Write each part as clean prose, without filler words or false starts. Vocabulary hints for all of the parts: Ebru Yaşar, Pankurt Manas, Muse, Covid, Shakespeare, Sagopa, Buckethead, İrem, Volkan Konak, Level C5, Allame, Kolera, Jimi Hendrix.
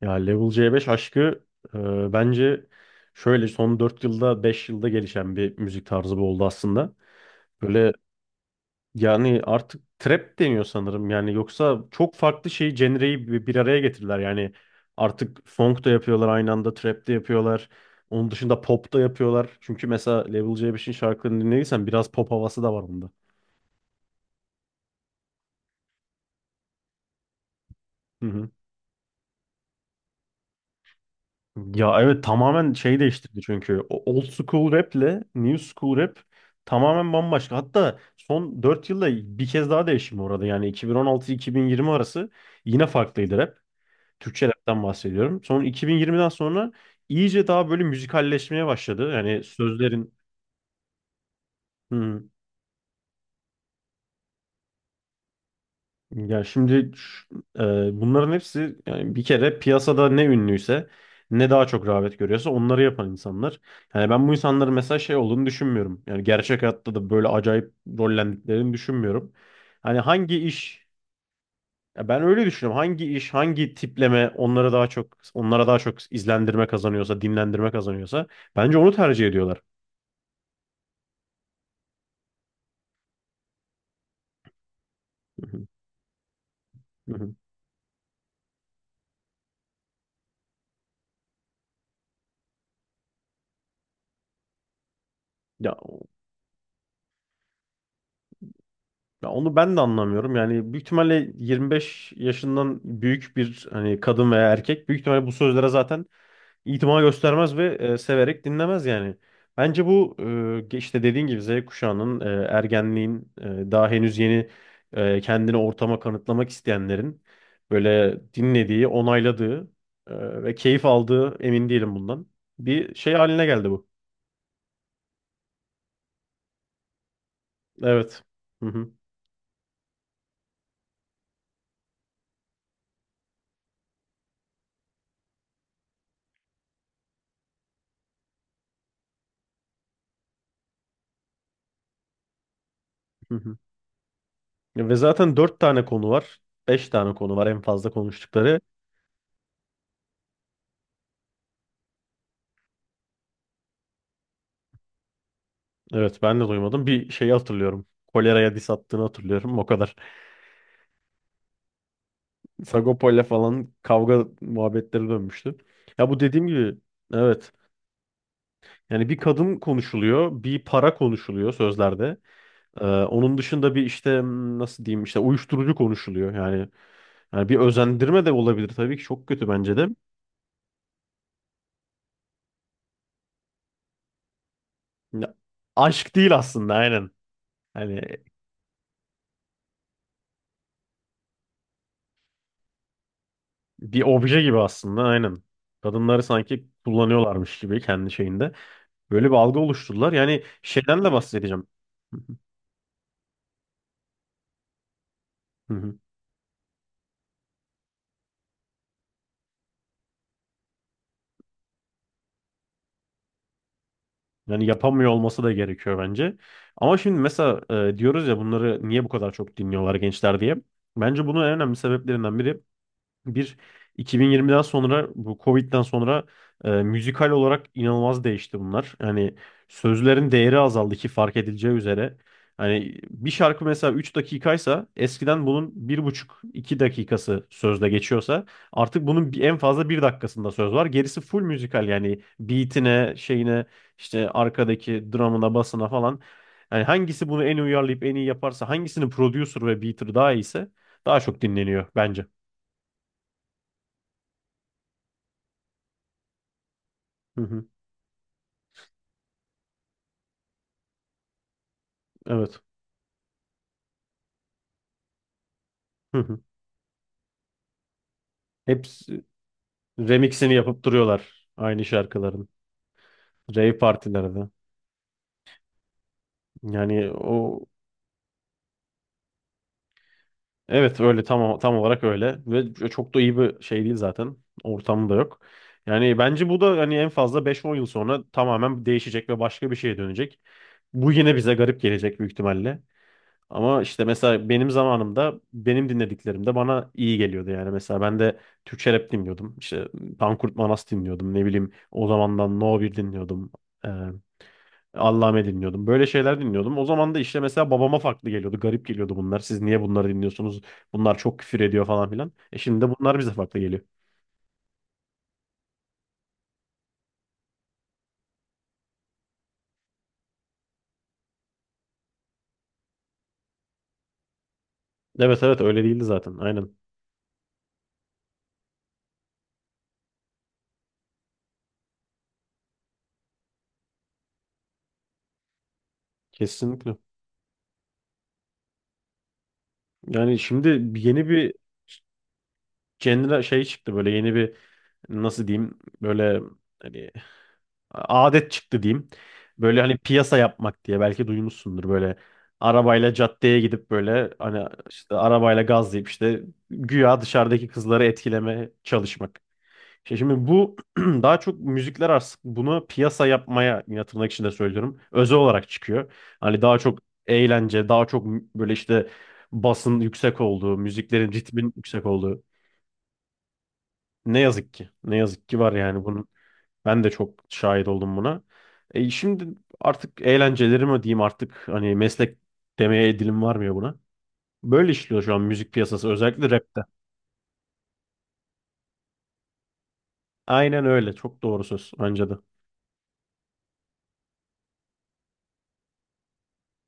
Ya Level C5 aşkı, bence şöyle son 4 yılda 5 yılda gelişen bir müzik tarzı bu oldu aslında. Böyle, yani artık trap deniyor sanırım. Yani yoksa çok farklı şey genreyi bir araya getirdiler. Yani artık funk da yapıyorlar, aynı anda trap de yapıyorlar. Onun dışında pop da yapıyorlar. Çünkü mesela Level C5'in şarkılarını dinlediysen biraz pop havası da var bunda. Hı hı. Ya evet, tamamen şey değiştirdi çünkü. Old school rap ile new school rap tamamen bambaşka. Hatta son 4 yılda bir kez daha değişim uğradı. Yani 2016-2020 arası yine farklıydı rap. Türkçe rapten bahsediyorum. Sonra 2020'den sonra iyice daha böyle müzikalleşmeye başladı. Yani sözlerin... Ya şimdi, bunların hepsi yani bir kere piyasada ne ünlüyse, ne daha çok rağbet görüyorsa onları yapan insanlar. Yani ben bu insanların mesela şey olduğunu düşünmüyorum. Yani gerçek hayatta da böyle acayip rollendiklerini düşünmüyorum. Hani hangi iş Ya ben öyle düşünüyorum. Hangi iş, hangi tipleme onlara daha çok izlendirme kazanıyorsa, dinlendirme kazanıyorsa bence onu tercih ediyorlar. Hı hı, hı hı. Ya Ya onu ben de anlamıyorum. Yani büyük ihtimalle 25 yaşından büyük bir hani kadın veya erkek, büyük ihtimalle bu sözlere zaten itima göstermez ve severek dinlemez yani. Bence bu, işte dediğin gibi Z kuşağının, ergenliğin, daha henüz yeni, kendini ortama kanıtlamak isteyenlerin böyle dinlediği, onayladığı, ve keyif aldığı emin değilim bundan. Bir şey haline geldi bu. Evet. Hı hı. Ve zaten dört tane konu var. Beş tane konu var en fazla konuştukları. Evet ben de duymadım. Bir şeyi hatırlıyorum. Kolera'ya diss attığını hatırlıyorum. O kadar. Sagopa'yla falan kavga muhabbetleri dönmüştü. Ya, bu dediğim gibi, evet. Yani bir kadın konuşuluyor. Bir para konuşuluyor sözlerde. Onun dışında bir işte, nasıl diyeyim işte, uyuşturucu konuşuluyor. Yani bir özendirme de olabilir tabii ki. Çok kötü bence de. Ya, aşk değil aslında, aynen. Hani bir obje gibi aslında, aynen. Kadınları sanki kullanıyorlarmış gibi kendi şeyinde. Böyle bir algı oluşturdular. Yani şeyden de bahsedeceğim. Hı hı. Hı hı. Yani yapamıyor olması da gerekiyor bence. Ama şimdi mesela, diyoruz ya bunları niye bu kadar çok dinliyorlar gençler diye. Bence bunun en önemli sebeplerinden biri: Bir, 2020'den sonra, bu Covid'den sonra müzikal olarak inanılmaz değişti bunlar. Hani sözlerin değeri azaldı ki fark edileceği üzere. Hani bir şarkı mesela 3 dakikaysa, eskiden bunun bir buçuk iki dakikası sözde geçiyorsa, artık bunun en fazla 1 dakikasında söz var. Gerisi full müzikal yani beatine, şeyine, işte arkadaki dramına, basına falan. Yani hangisi bunu en iyi uyarlayıp en iyi yaparsa, hangisinin producer ve beater daha iyiyse daha çok dinleniyor bence. Hı hı. Evet. Hı hı. Hepsi remixini yapıp duruyorlar aynı şarkıların. Rave partilerde. Yani o, evet, öyle tam olarak öyle ve çok da iyi bir şey değil zaten. Ortamı da yok. Yani bence bu da hani en fazla beş on yıl sonra tamamen değişecek ve başka bir şeye dönecek. Bu yine bize garip gelecek büyük ihtimalle. Ama işte mesela benim zamanımda benim dinlediklerim de bana iyi geliyordu yani. Mesela ben de Türkçe rap dinliyordum. İşte Pankurt Manas dinliyordum. Ne bileyim o zamandan No bir dinliyordum. Ee, Allame dinliyordum. Böyle şeyler dinliyordum. O zaman da işte mesela babama farklı geliyordu. Garip geliyordu bunlar. Siz niye bunları dinliyorsunuz? Bunlar çok küfür ediyor falan filan. E şimdi de bunlar bize farklı geliyor. Evet, evet, öyle değildi zaten. Aynen. Kesinlikle. Yani şimdi yeni bir genre şey çıktı, böyle yeni bir nasıl diyeyim, böyle hani adet çıktı diyeyim. Böyle hani piyasa yapmak diye belki duymuşsundur, böyle arabayla caddeye gidip böyle hani işte arabayla gazlayıp işte güya dışarıdaki kızları etkileme çalışmak. İşte şimdi bu daha çok müzikler artık bunu piyasa yapmaya, yine tırnak içinde söylüyorum, özel olarak çıkıyor. Hani daha çok eğlence, daha çok böyle işte basın yüksek olduğu, müziklerin ritmin yüksek olduğu. Ne yazık ki. Ne yazık ki var yani bunun. Ben de çok şahit oldum buna. Şimdi artık eğlenceleri mi diyeyim, artık hani meslek demeye dilim varmıyor buna. Böyle işliyor şu an müzik piyasası, özellikle rapte. Aynen öyle, çok doğru söz bence de.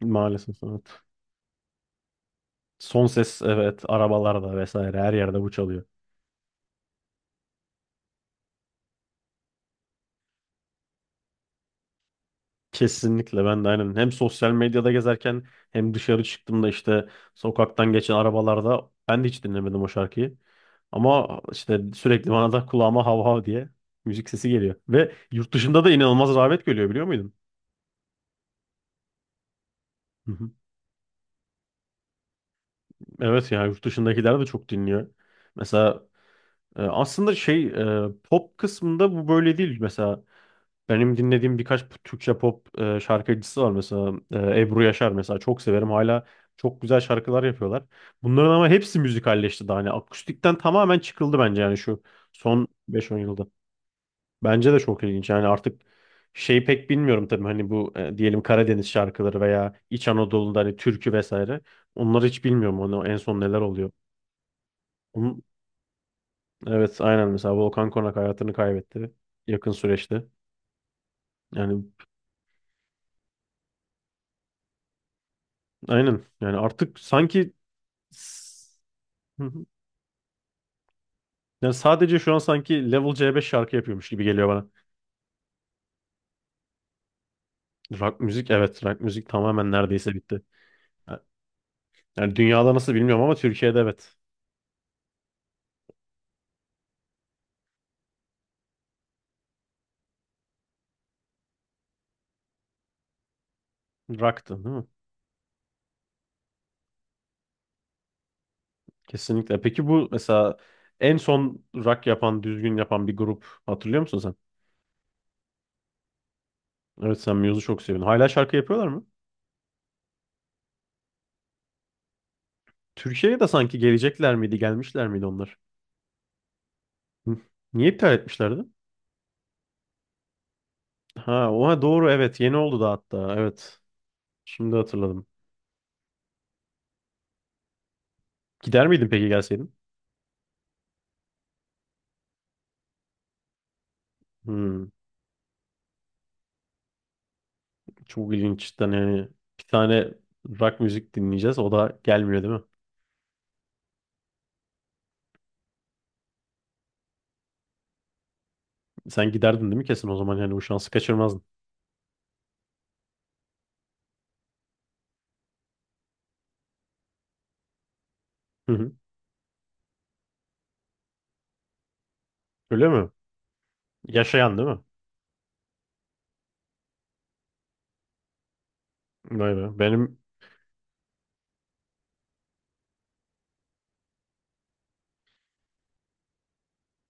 Maalesef evet. Son ses evet, arabalarda vesaire, her yerde bu çalıyor. Kesinlikle, ben de aynen hem sosyal medyada gezerken hem dışarı çıktığımda işte sokaktan geçen arabalarda, ben de hiç dinlemedim o şarkıyı. Ama işte sürekli bana da kulağıma hav hav diye müzik sesi geliyor. Ve yurt dışında da inanılmaz rağbet görüyor, biliyor muydun? Hı hı. Evet ya, yurt dışındakiler de çok dinliyor. Mesela aslında şey pop kısmında bu böyle değil. Mesela benim dinlediğim birkaç Türkçe pop şarkıcısı var. Mesela Ebru Yaşar mesela, çok severim. Hala çok güzel şarkılar yapıyorlar. Bunların ama hepsi müzikalleşti daha. Hani akustikten tamamen çıkıldı bence yani, şu son beş on yılda. Bence de çok ilginç. Yani artık şey pek bilmiyorum tabii, hani bu diyelim Karadeniz şarkıları veya İç Anadolu'da hani türkü vesaire. Onları hiç bilmiyorum, onu en son neler oluyor. Onun- evet, aynen, mesela Volkan Konak hayatını kaybetti yakın süreçte. Yani, aynen, yani artık sanki s- Hı hı. Yani sadece şu an sanki Level C5 şarkı yapıyormuş gibi geliyor bana. Rock müzik, evet, rock müzik tamamen neredeyse bitti. Yani dünyada nasıl bilmiyorum ama Türkiye'de evet. Rock'tı değil mi? Kesinlikle. Peki bu mesela en son rock yapan, düzgün yapan bir grup hatırlıyor musun sen? Evet, sen Muse'u çok seviyorsun. Hala şarkı yapıyorlar mı? Türkiye'ye de sanki gelecekler miydi, gelmişler miydi onlar? Hı. Niye iptal etmişlerdi? Ha, oha, doğru, evet. Yeni oldu da hatta. Evet. Şimdi hatırladım. Gider miydin peki gelseydin? Hmm, Çok ilginç cidden yani. Bir tane rock müzik dinleyeceğiz. O da gelmiyor değil mi? Sen giderdin değil mi kesin, o zaman yani bu şansı kaçırmazdın. Hı hı. Öyle mi? Yaşayan değil mi? Vay be. Benim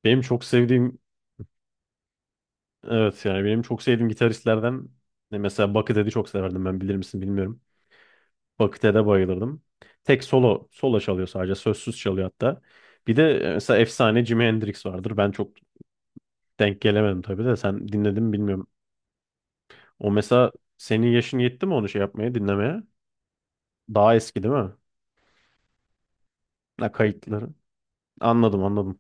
Benim çok sevdiğim, evet, yani benim çok sevdiğim gitaristlerden ne mesela Buckethead'i çok severdim ben, bilir misin bilmiyorum. Buckethead'e bayılırdım. Tek solo solo çalıyor, sadece sözsüz çalıyor hatta. Bir de mesela efsane Jimi Hendrix vardır. Ben çok denk gelemedim tabii de, sen dinledin mi bilmiyorum. O mesela senin yaşın yetti mi onu şey yapmaya, dinlemeye? Daha eski değil mi? Ha, kayıtları. Anladım, anladım.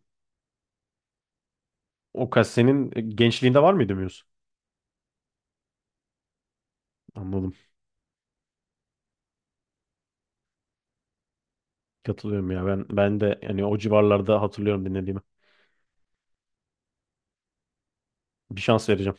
O kas senin gençliğinde var mıydı Muse? Anladım. Katılıyorum ya, ben de yani o civarlarda hatırlıyorum dinlediğimi. Bir şans vereceğim.